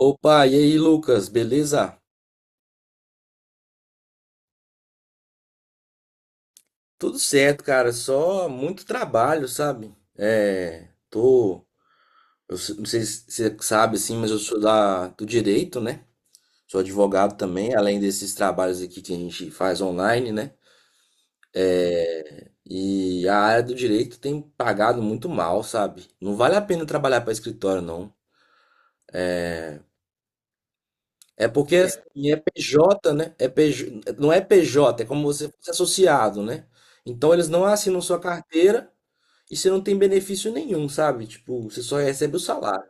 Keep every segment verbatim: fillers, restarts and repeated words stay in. Opa, e aí, Lucas, beleza? Tudo certo, cara, só muito trabalho, sabe? É, tô, eu s- não sei se você sabe assim, mas eu sou da do direito, né? Sou advogado também, além desses trabalhos aqui que a gente faz online, né? E a área do direito tem pagado muito mal, sabe? Não vale a pena trabalhar para escritório, não. É porque assim, é P J, né? É P J, não é P J, é como você fosse associado, né? Então eles não assinam sua carteira e você não tem benefício nenhum, sabe? Tipo, você só recebe o salário.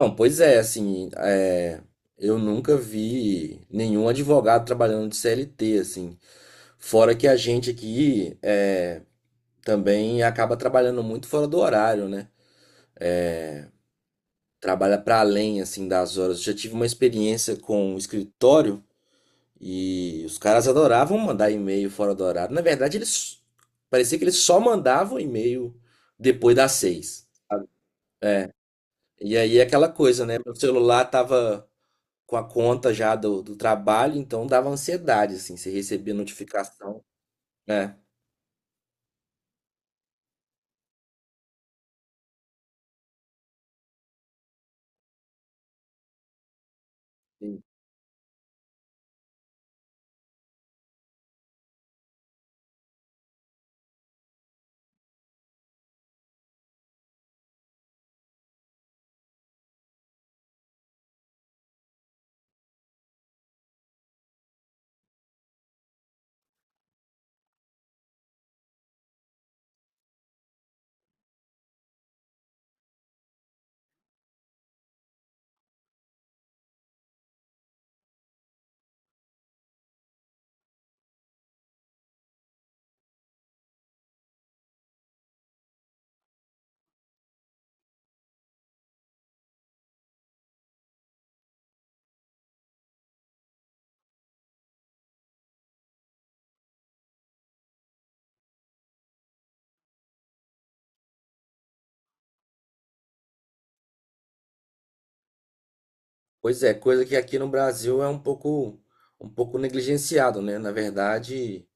Não, pois é, assim, é, eu nunca vi nenhum advogado trabalhando de C L T, assim. Fora que a gente aqui é, também acaba trabalhando muito fora do horário, né? Trabalha para além, assim, das horas. Eu já tive uma experiência com um escritório. E os caras adoravam mandar e-mail fora do horário. Na verdade, eles parecia que eles só mandavam e-mail depois das seis, sabe? E aí é aquela coisa, né? Meu celular tava com a conta já do, do trabalho, então dava ansiedade, assim, você recebia notificação, né? E- Pois é, coisa que aqui no Brasil é um pouco, um pouco negligenciado, né? Na verdade,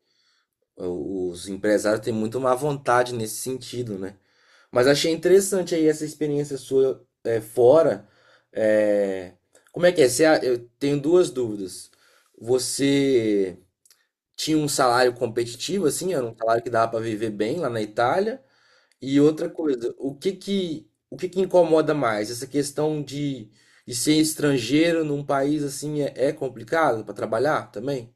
o- os empresários têm muito má vontade nesse sentido, né? Mas achei interessante aí essa experiência sua, é, fora. É, Como é que é? Você, a- eu tenho duas dúvidas. Você tinha um salário competitivo, assim, era um salário que dava para viver bem lá na Itália? E outra coisa, o que que, o que que incomoda mais? Essa questão de, de ser estrangeiro num país assim, é, é complicado para trabalhar também?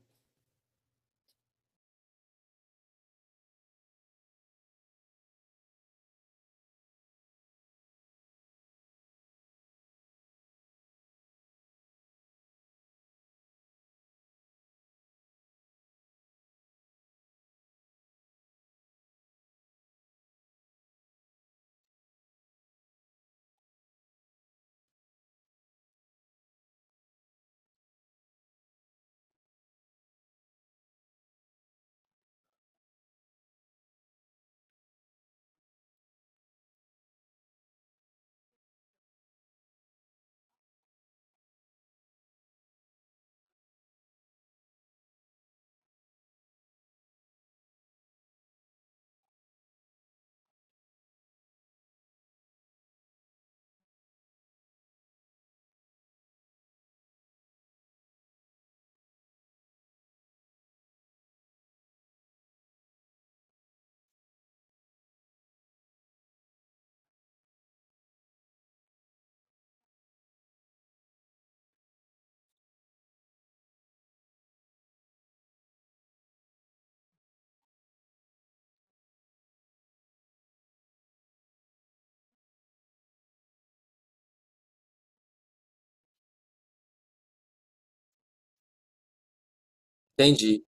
Entendi.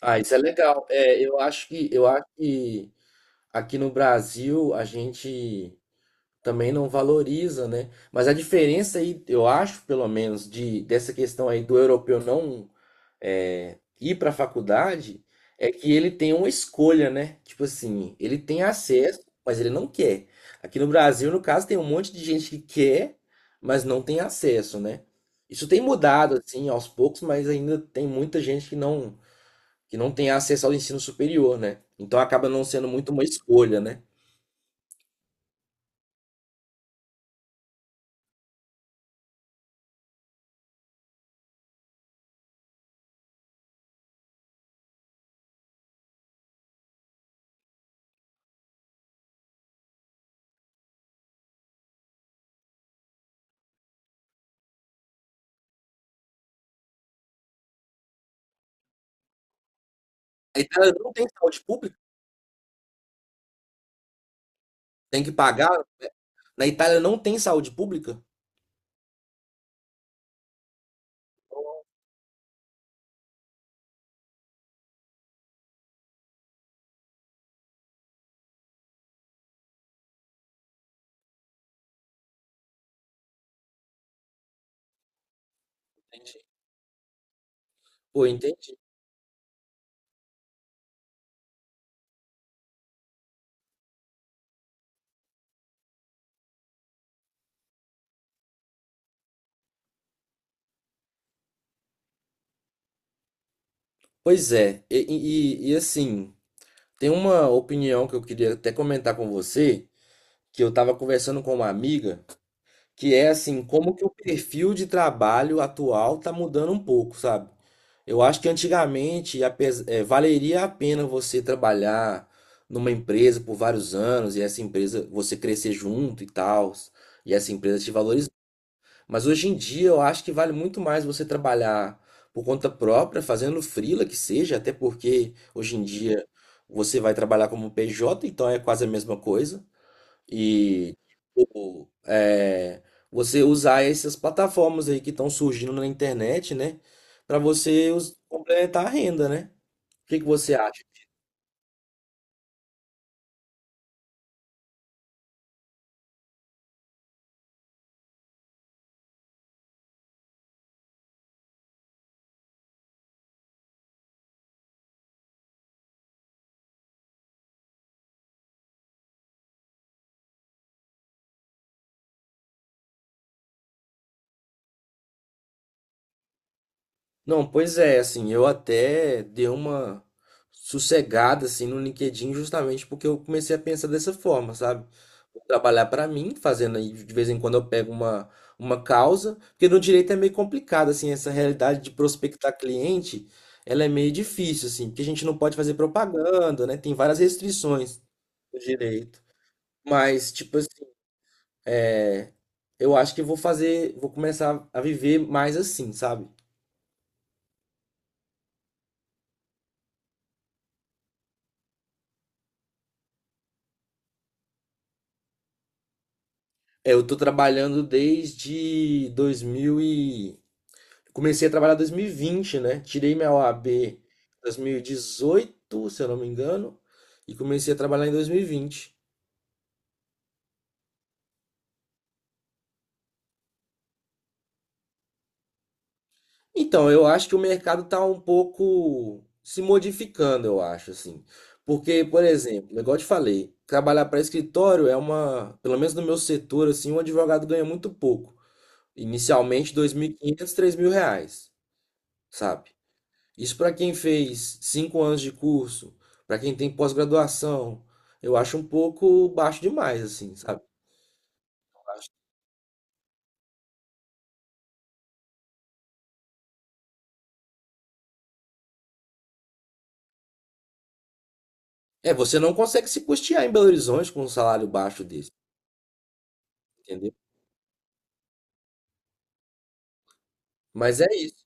Ah, isso é legal. É, eu acho que eu acho que aqui no Brasil a gente também não valoriza, né? Mas a diferença aí, eu acho, pelo menos, de dessa questão aí do europeu não é, ir para a faculdade, é que ele tem uma escolha, né? Tipo assim, ele tem acesso, mas ele não quer. Aqui no Brasil, no caso, tem um monte de gente que quer, mas não tem acesso, né? Isso tem mudado, assim, aos poucos, mas ainda tem muita gente que não, que não tem acesso ao ensino superior, né? Então acaba não sendo muito uma escolha, né? A Itália não tem saúde pública? Tem que pagar? Na Itália não tem saúde pública? Entendi. Pô, entendi. Pois é, e, e- e, assim, tem uma opinião que eu queria até comentar com você, que eu estava conversando com uma amiga, que é assim, como que o perfil de trabalho atual tá mudando um pouco, sabe? Eu acho que antigamente apes- eh, valeria a pena você trabalhar numa empresa por vários anos e essa empresa você crescer junto e tal, e essa empresa te valorizar. Mas hoje em dia eu acho que vale muito mais você trabalhar por conta própria, fazendo freela que seja, até porque hoje em dia você vai trabalhar como P J, então é quase a mesma coisa. E tipo, é, você usar essas plataformas aí que estão surgindo na internet, né? Para você us- complementar a renda, né? O que que você acha? Não, pois é, assim, eu até dei uma sossegada assim no LinkedIn justamente porque eu comecei a pensar dessa forma, sabe? Vou trabalhar para mim, fazendo aí de vez em quando eu pego uma uma causa, porque no direito é meio complicado assim, essa realidade de prospectar cliente, ela é meio difícil assim, porque a gente não pode fazer propaganda, né? Tem várias restrições no direito. Mas tipo assim, é, eu acho que eu vou fazer, vou começar a viver mais assim, sabe? É, eu tô trabalhando desde dois mil e... Comecei a trabalhar em dois mil e vinte, né? Tirei minha O A B em dois mil e dezoito, se eu não me engano, e comecei a trabalhar em dois mil e vinte. Então, eu acho que o mercado tá um pouco se modificando, eu acho, assim. Porque, por exemplo, igual eu te falei, trabalhar para escritório é uma, pelo menos no meu setor, assim, um advogado ganha muito pouco. Inicialmente, dois mil e quinhentos, mil e quinhentos, três mil reais, sabe? Isso para quem fez cinco anos de curso, para quem tem pós-graduação, eu acho um pouco baixo demais, assim, sabe? Baixo. É, você não consegue se custear em Belo Horizonte com um salário baixo desse, entendeu? Mas é isso,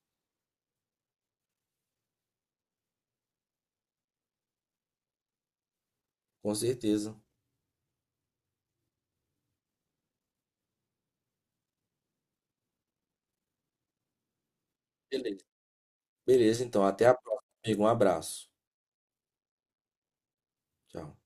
com certeza. Beleza. Beleza, então, até a próxima, amigo. Um abraço. Tchau.